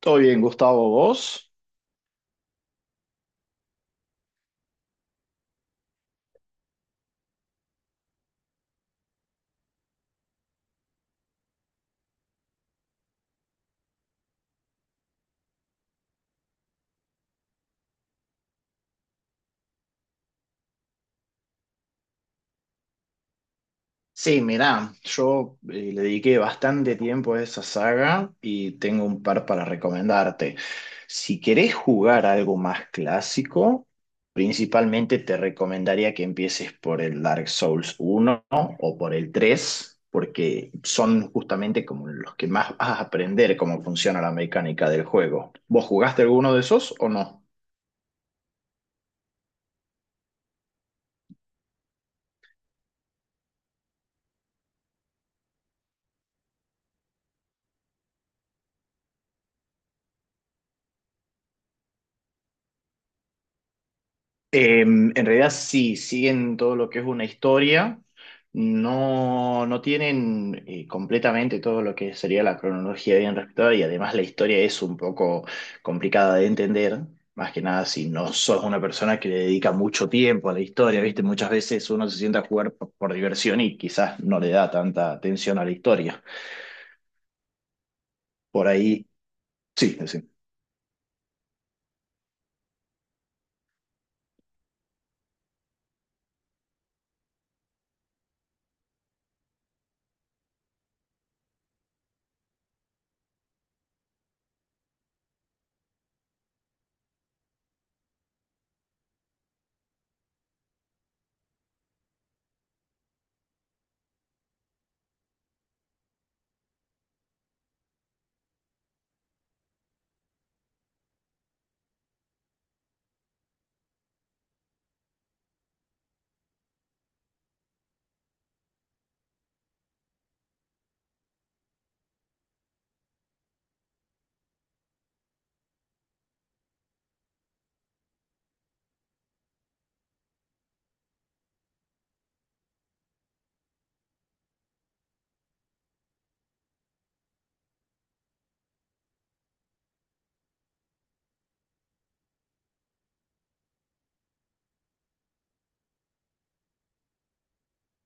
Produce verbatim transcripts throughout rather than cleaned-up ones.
Todo bien, Gustavo, ¿vos? Sí, mirá, yo eh, le dediqué bastante tiempo a esa saga y tengo un par para recomendarte. Si querés jugar algo más clásico, principalmente te recomendaría que empieces por el Dark Souls uno o por el tres, porque son justamente como los que más vas a aprender cómo funciona la mecánica del juego. ¿Vos jugaste alguno de esos o no? Eh, en realidad sí, siguen todo lo que es una historia, no, no tienen eh, completamente todo lo que sería la cronología bien respetada, y además la historia es un poco complicada de entender, más que nada si no sos una persona que le dedica mucho tiempo a la historia, ¿viste? Muchas veces uno se sienta a jugar por, por diversión y quizás no le da tanta atención a la historia. Por ahí, sí, sí.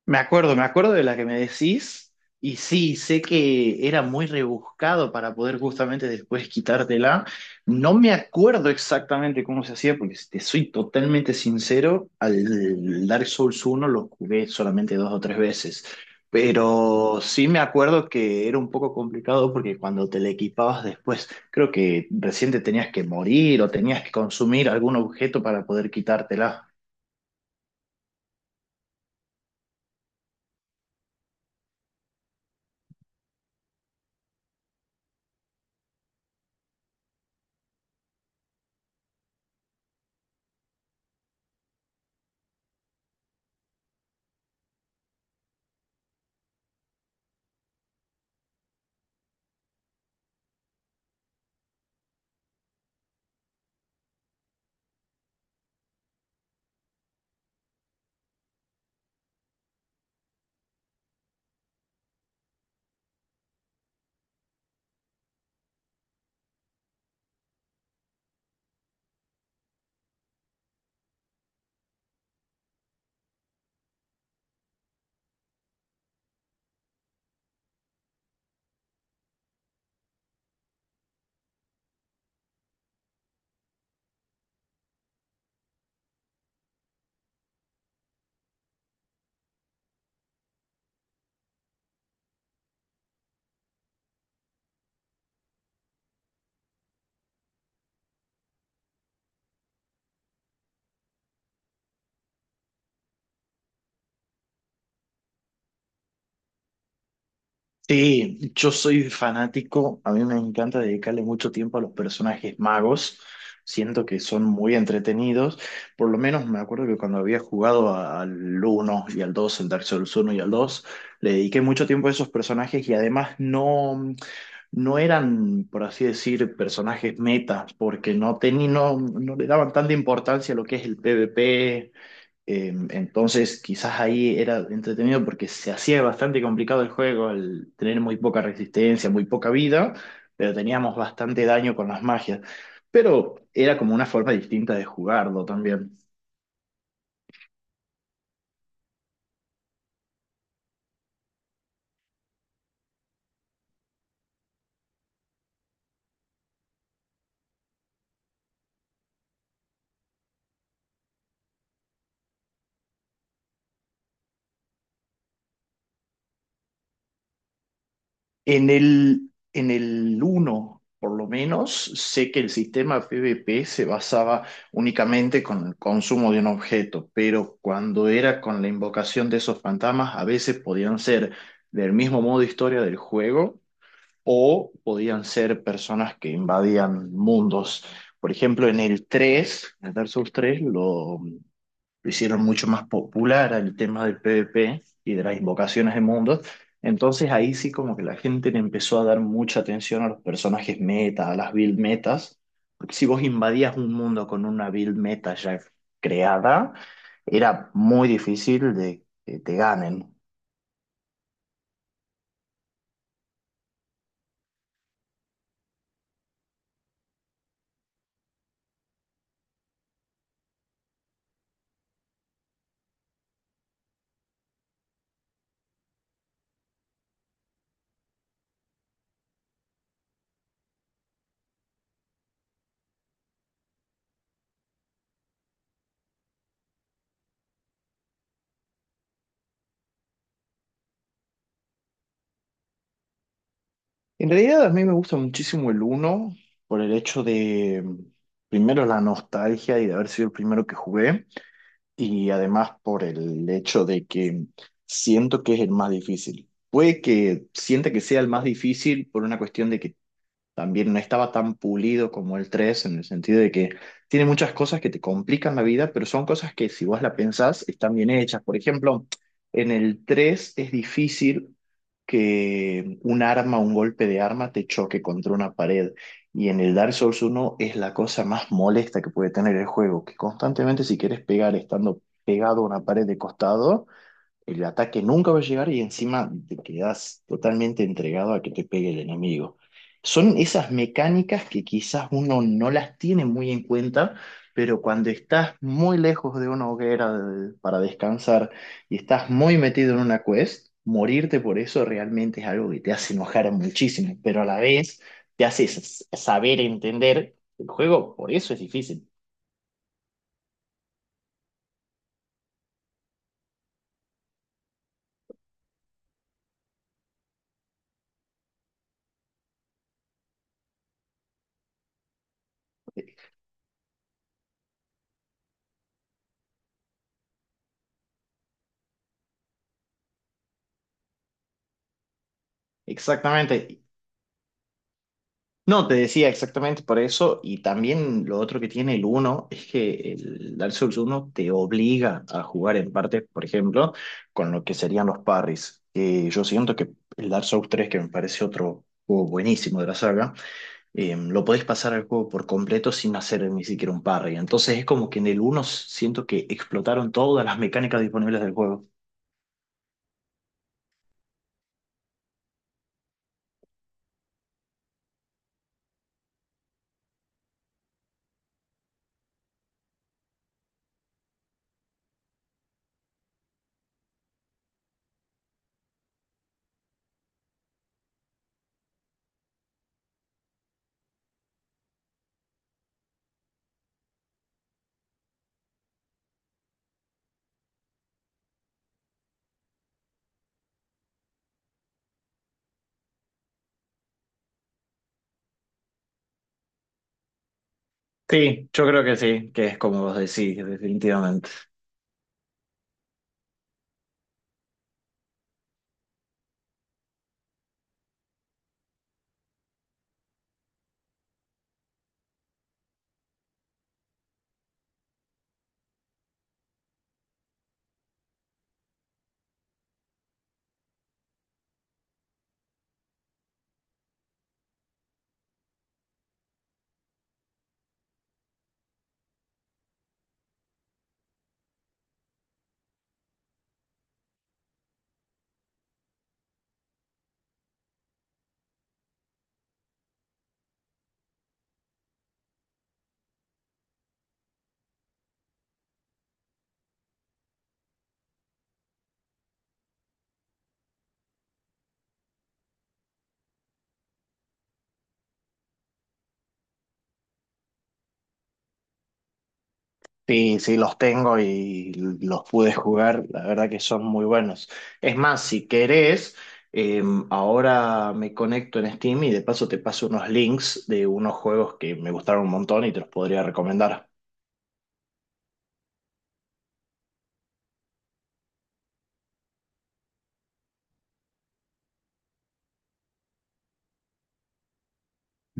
Me acuerdo, me acuerdo de la que me decís, y sí, sé que era muy rebuscado para poder justamente después quitártela. No me acuerdo exactamente cómo se hacía, porque si te soy totalmente sincero, al Dark Souls uno lo jugué solamente dos o tres veces, pero sí me acuerdo que era un poco complicado, porque cuando te le equipabas después, creo que recién te tenías que morir o tenías que consumir algún objeto para poder quitártela. Sí, yo soy fanático, a mí me encanta dedicarle mucho tiempo a los personajes magos, siento que son muy entretenidos. Por lo menos me acuerdo que cuando había jugado a- al uno y al dos, el Dark Souls uno y al dos, le dediqué mucho tiempo a esos personajes, y además no, no eran, por así decir, personajes metas, porque no, teni- no, no le daban tanta importancia a lo que es el PvP. Eh, entonces, quizás ahí era entretenido porque se hacía bastante complicado el juego al tener muy poca resistencia, muy poca vida, pero teníamos bastante daño con las magias. Pero era como una forma distinta de jugarlo también. En el, en el uno, por lo menos, sé que el sistema PvP se basaba únicamente con el consumo de un objeto, pero cuando era con la invocación de esos fantasmas, a veces podían ser del mismo modo historia del juego o podían ser personas que invadían mundos. Por ejemplo, en el tres, en el Dark Souls tres lo, lo hicieron mucho más popular el tema del PvP y de las invocaciones de mundos. Entonces ahí sí, como que la gente le empezó a dar mucha atención a los personajes meta, a las build metas. Porque si vos invadías un mundo con una build meta ya creada, era muy difícil de que te ganen. En realidad a mí me gusta muchísimo el uno, por el hecho de, mm, primero, la nostalgia y de haber sido el primero que jugué, y además por el hecho de que mm, siento que es el más difícil. Puede que sienta que sea el más difícil por una cuestión de que también no estaba tan pulido como el tres, en el sentido de que tiene muchas cosas que te complican la vida, pero son cosas que si vos la pensás están bien hechas. Por ejemplo, en el tres es difícil que un arma, un golpe de arma te choque contra una pared. Y en el Dark Souls uno es la cosa más molesta que puede tener el juego, que constantemente si quieres pegar estando pegado a una pared de costado, el ataque nunca va a llegar y encima te quedas totalmente entregado a que te pegue el enemigo. Son esas mecánicas que quizás uno no las tiene muy en cuenta, pero cuando estás muy lejos de una hoguera de- para descansar y estás muy metido en una quest, morirte por eso realmente es algo que te hace enojar muchísimo, pero a la vez te hace s- saber entender el juego, por eso es difícil. Exactamente. No, te decía exactamente por eso, y también lo otro que tiene el uno es que el Dark Souls uno te obliga a jugar en parte, por ejemplo, con lo que serían los parries. Que yo siento que el Dark Souls tres, que me parece otro juego buenísimo de la saga, eh, lo podés pasar al juego por completo sin hacer ni siquiera un parry. Entonces es como que en el uno siento que explotaron todas las mecánicas disponibles del juego. Sí, yo creo que sí, que es como vos decís, definitivamente. Sí, sí, los tengo y los pude jugar, la verdad que son muy buenos. Es más, si querés, eh, ahora me conecto en Steam y de paso te paso unos links de unos juegos que me gustaron un montón y te los podría recomendar.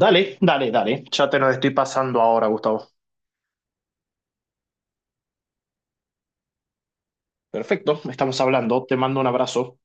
Dale, dale, dale, ya te los estoy pasando ahora, Gustavo. Perfecto, estamos hablando, te mando un abrazo.